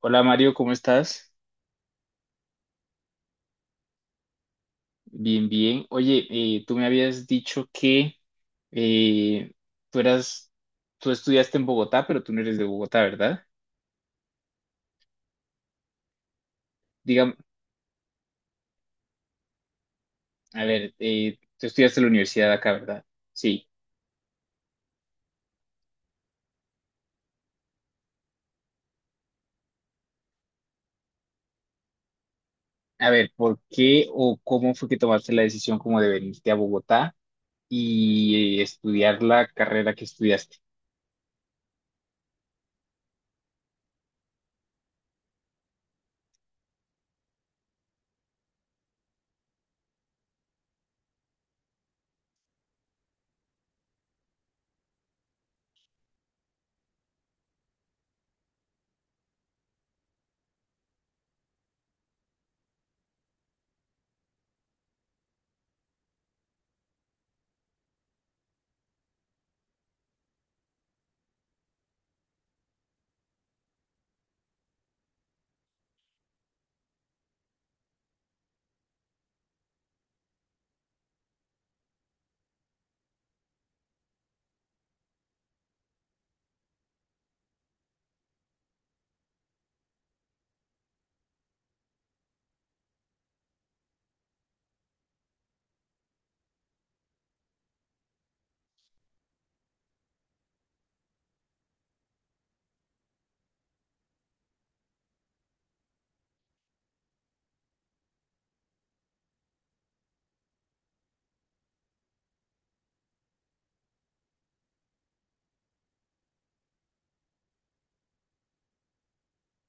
Hola Mario, ¿cómo estás? Bien, bien. Oye, tú me habías dicho que eh, tú eras, tú estudiaste en Bogotá, pero tú no eres de Bogotá, ¿verdad? Dígame, a ver, tú estudiaste en la universidad acá, ¿verdad? Sí. A ver, ¿por qué o cómo fue que tomaste la decisión como de venirte a Bogotá y estudiar la carrera que estudiaste?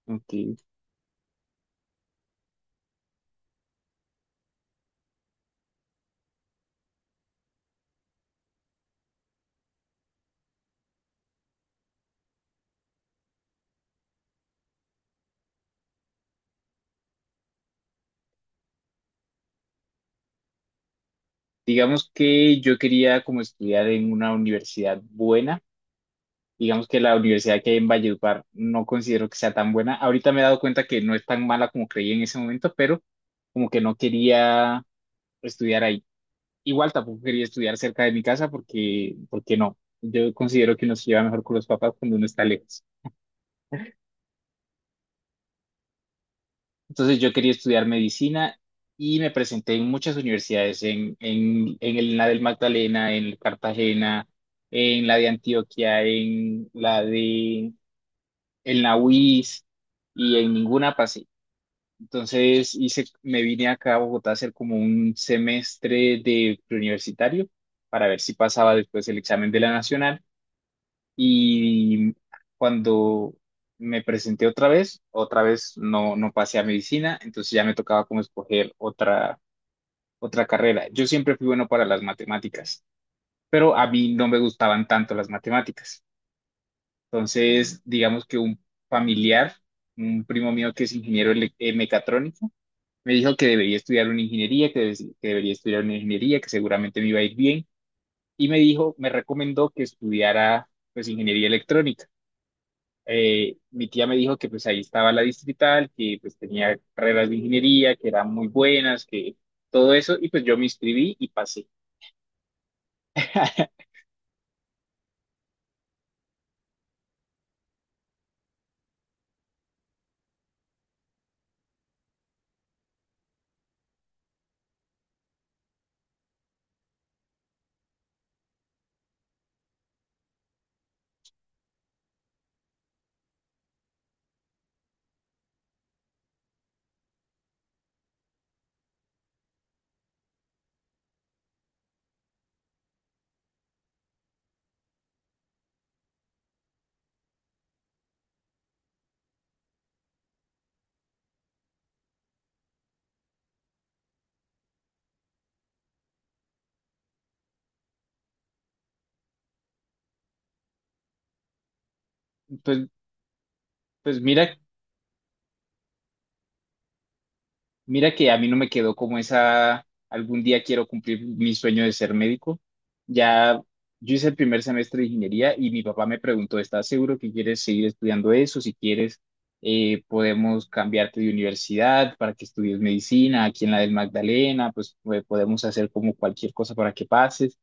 Ok. Digamos que yo quería como estudiar en una universidad buena. Digamos que la universidad que hay en Valledupar no considero que sea tan buena. Ahorita me he dado cuenta que no es tan mala como creí en ese momento, pero como que no quería estudiar ahí. Igual tampoco quería estudiar cerca de mi casa porque, porque no. Yo considero que uno se lleva mejor con los papás cuando uno está lejos. Entonces yo quería estudiar medicina y me presenté en muchas universidades, en la del Magdalena, en Cartagena, en la de Antioquia, en la UIS y en ninguna pasé. Entonces hice, me vine acá a Bogotá a hacer como un semestre de preuniversitario para ver si pasaba después el examen de la nacional. Y cuando me presenté otra vez, no pasé a medicina, entonces ya me tocaba como escoger otra, otra carrera. Yo siempre fui bueno para las matemáticas, pero a mí no me gustaban tanto las matemáticas. Entonces, digamos que un familiar, un primo mío que es ingeniero mecatrónico, me dijo que debería estudiar una ingeniería, que debería estudiar una ingeniería, que seguramente me iba a ir bien. Y me dijo, me recomendó que estudiara pues ingeniería electrónica. Mi tía me dijo que pues ahí estaba la distrital, que pues tenía carreras de ingeniería, que eran muy buenas, que todo eso. Y pues yo me inscribí y pasé. Pues, pues mira Mira que a mí no me quedó como esa, algún día quiero cumplir mi sueño de ser médico. Ya, yo hice el primer semestre de ingeniería y mi papá me preguntó, ¿estás seguro que quieres seguir estudiando eso? Si quieres, podemos cambiarte de universidad para que estudies medicina, aquí en la del Magdalena, pues podemos hacer como cualquier cosa para que pases.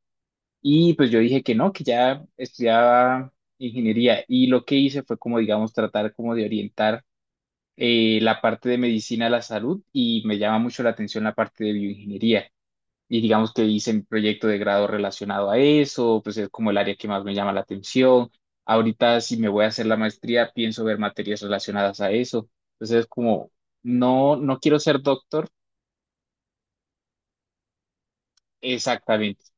Y pues yo dije que no, que ya estudiaba ingeniería y lo que hice fue como, digamos, tratar como de orientar la parte de medicina de la salud y me llama mucho la atención la parte de bioingeniería. Y digamos que hice mi proyecto de grado relacionado a eso, pues es como el área que más me llama la atención. Ahorita si me voy a hacer la maestría, pienso ver materias relacionadas a eso. Entonces es como, no, no quiero ser doctor exactamente.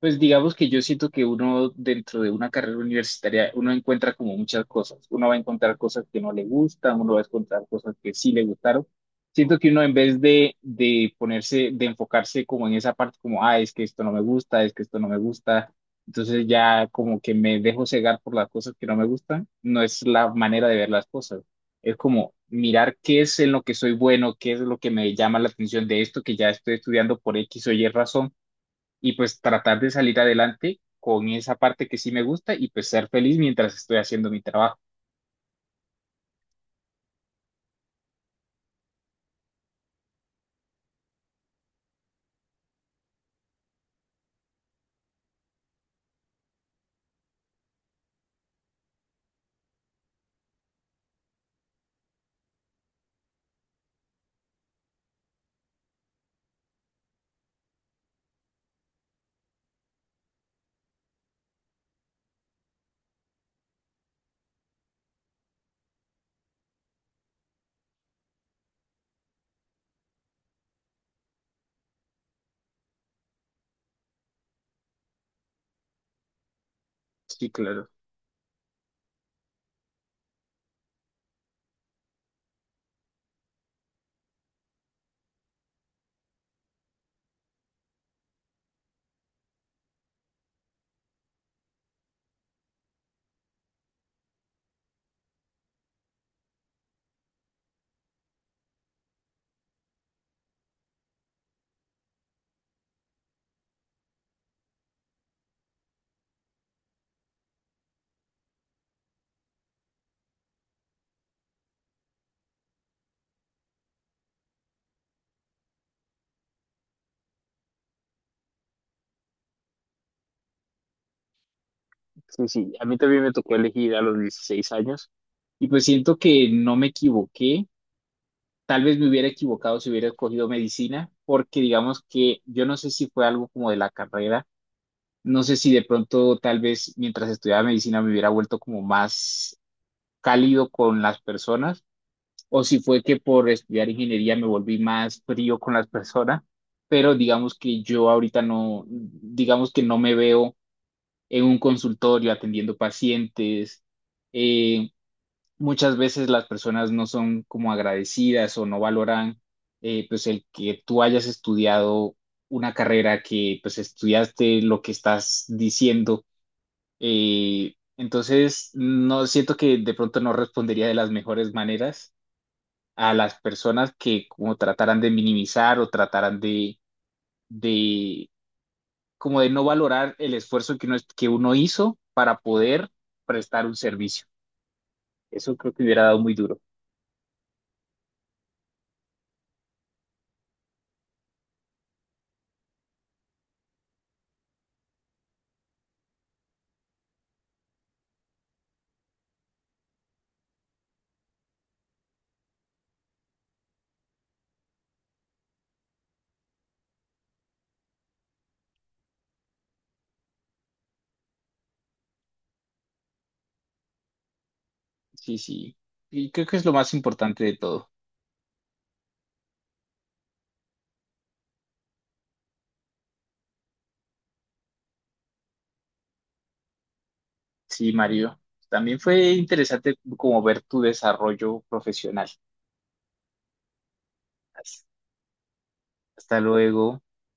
Pues digamos que yo siento que uno dentro de una carrera universitaria, uno encuentra como muchas cosas. Uno va a encontrar cosas que no le gustan, uno va a encontrar cosas que sí le gustaron. Siento que uno en vez de ponerse, de enfocarse como en esa parte, como, ah, es que esto no me gusta, es que esto no me gusta, entonces ya como que me dejo cegar por las cosas que no me gustan, no es la manera de ver las cosas. Es como mirar qué es en lo que soy bueno, qué es lo que me llama la atención de esto que ya estoy estudiando por X o Y razón y pues tratar de salir adelante con esa parte que sí me gusta y pues ser feliz mientras estoy haciendo mi trabajo. Sí, claro. Sí, sí. A mí también me tocó elegir a los 16 años y pues siento que no me equivoqué. Tal vez me hubiera equivocado si hubiera escogido medicina, porque digamos que yo no sé si fue algo como de la carrera, no sé si de pronto tal vez mientras estudiaba medicina me hubiera vuelto como más cálido con las personas o si fue que por estudiar ingeniería me volví más frío con las personas, pero digamos que yo ahorita no, digamos que no me veo en un consultorio atendiendo pacientes. Eh, Muchas veces las personas no son como agradecidas o no valoran pues el que tú hayas estudiado una carrera que pues estudiaste lo que estás diciendo. Entonces, no siento que de pronto no respondería de las mejores maneras a las personas que como trataran de minimizar o trataran de como de no valorar el esfuerzo que uno hizo para poder prestar un servicio. Eso creo que hubiera dado muy duro. Sí, sí. Y creo que es lo más importante de todo. Sí, Mario. También fue interesante como ver tu desarrollo profesional. Hasta luego.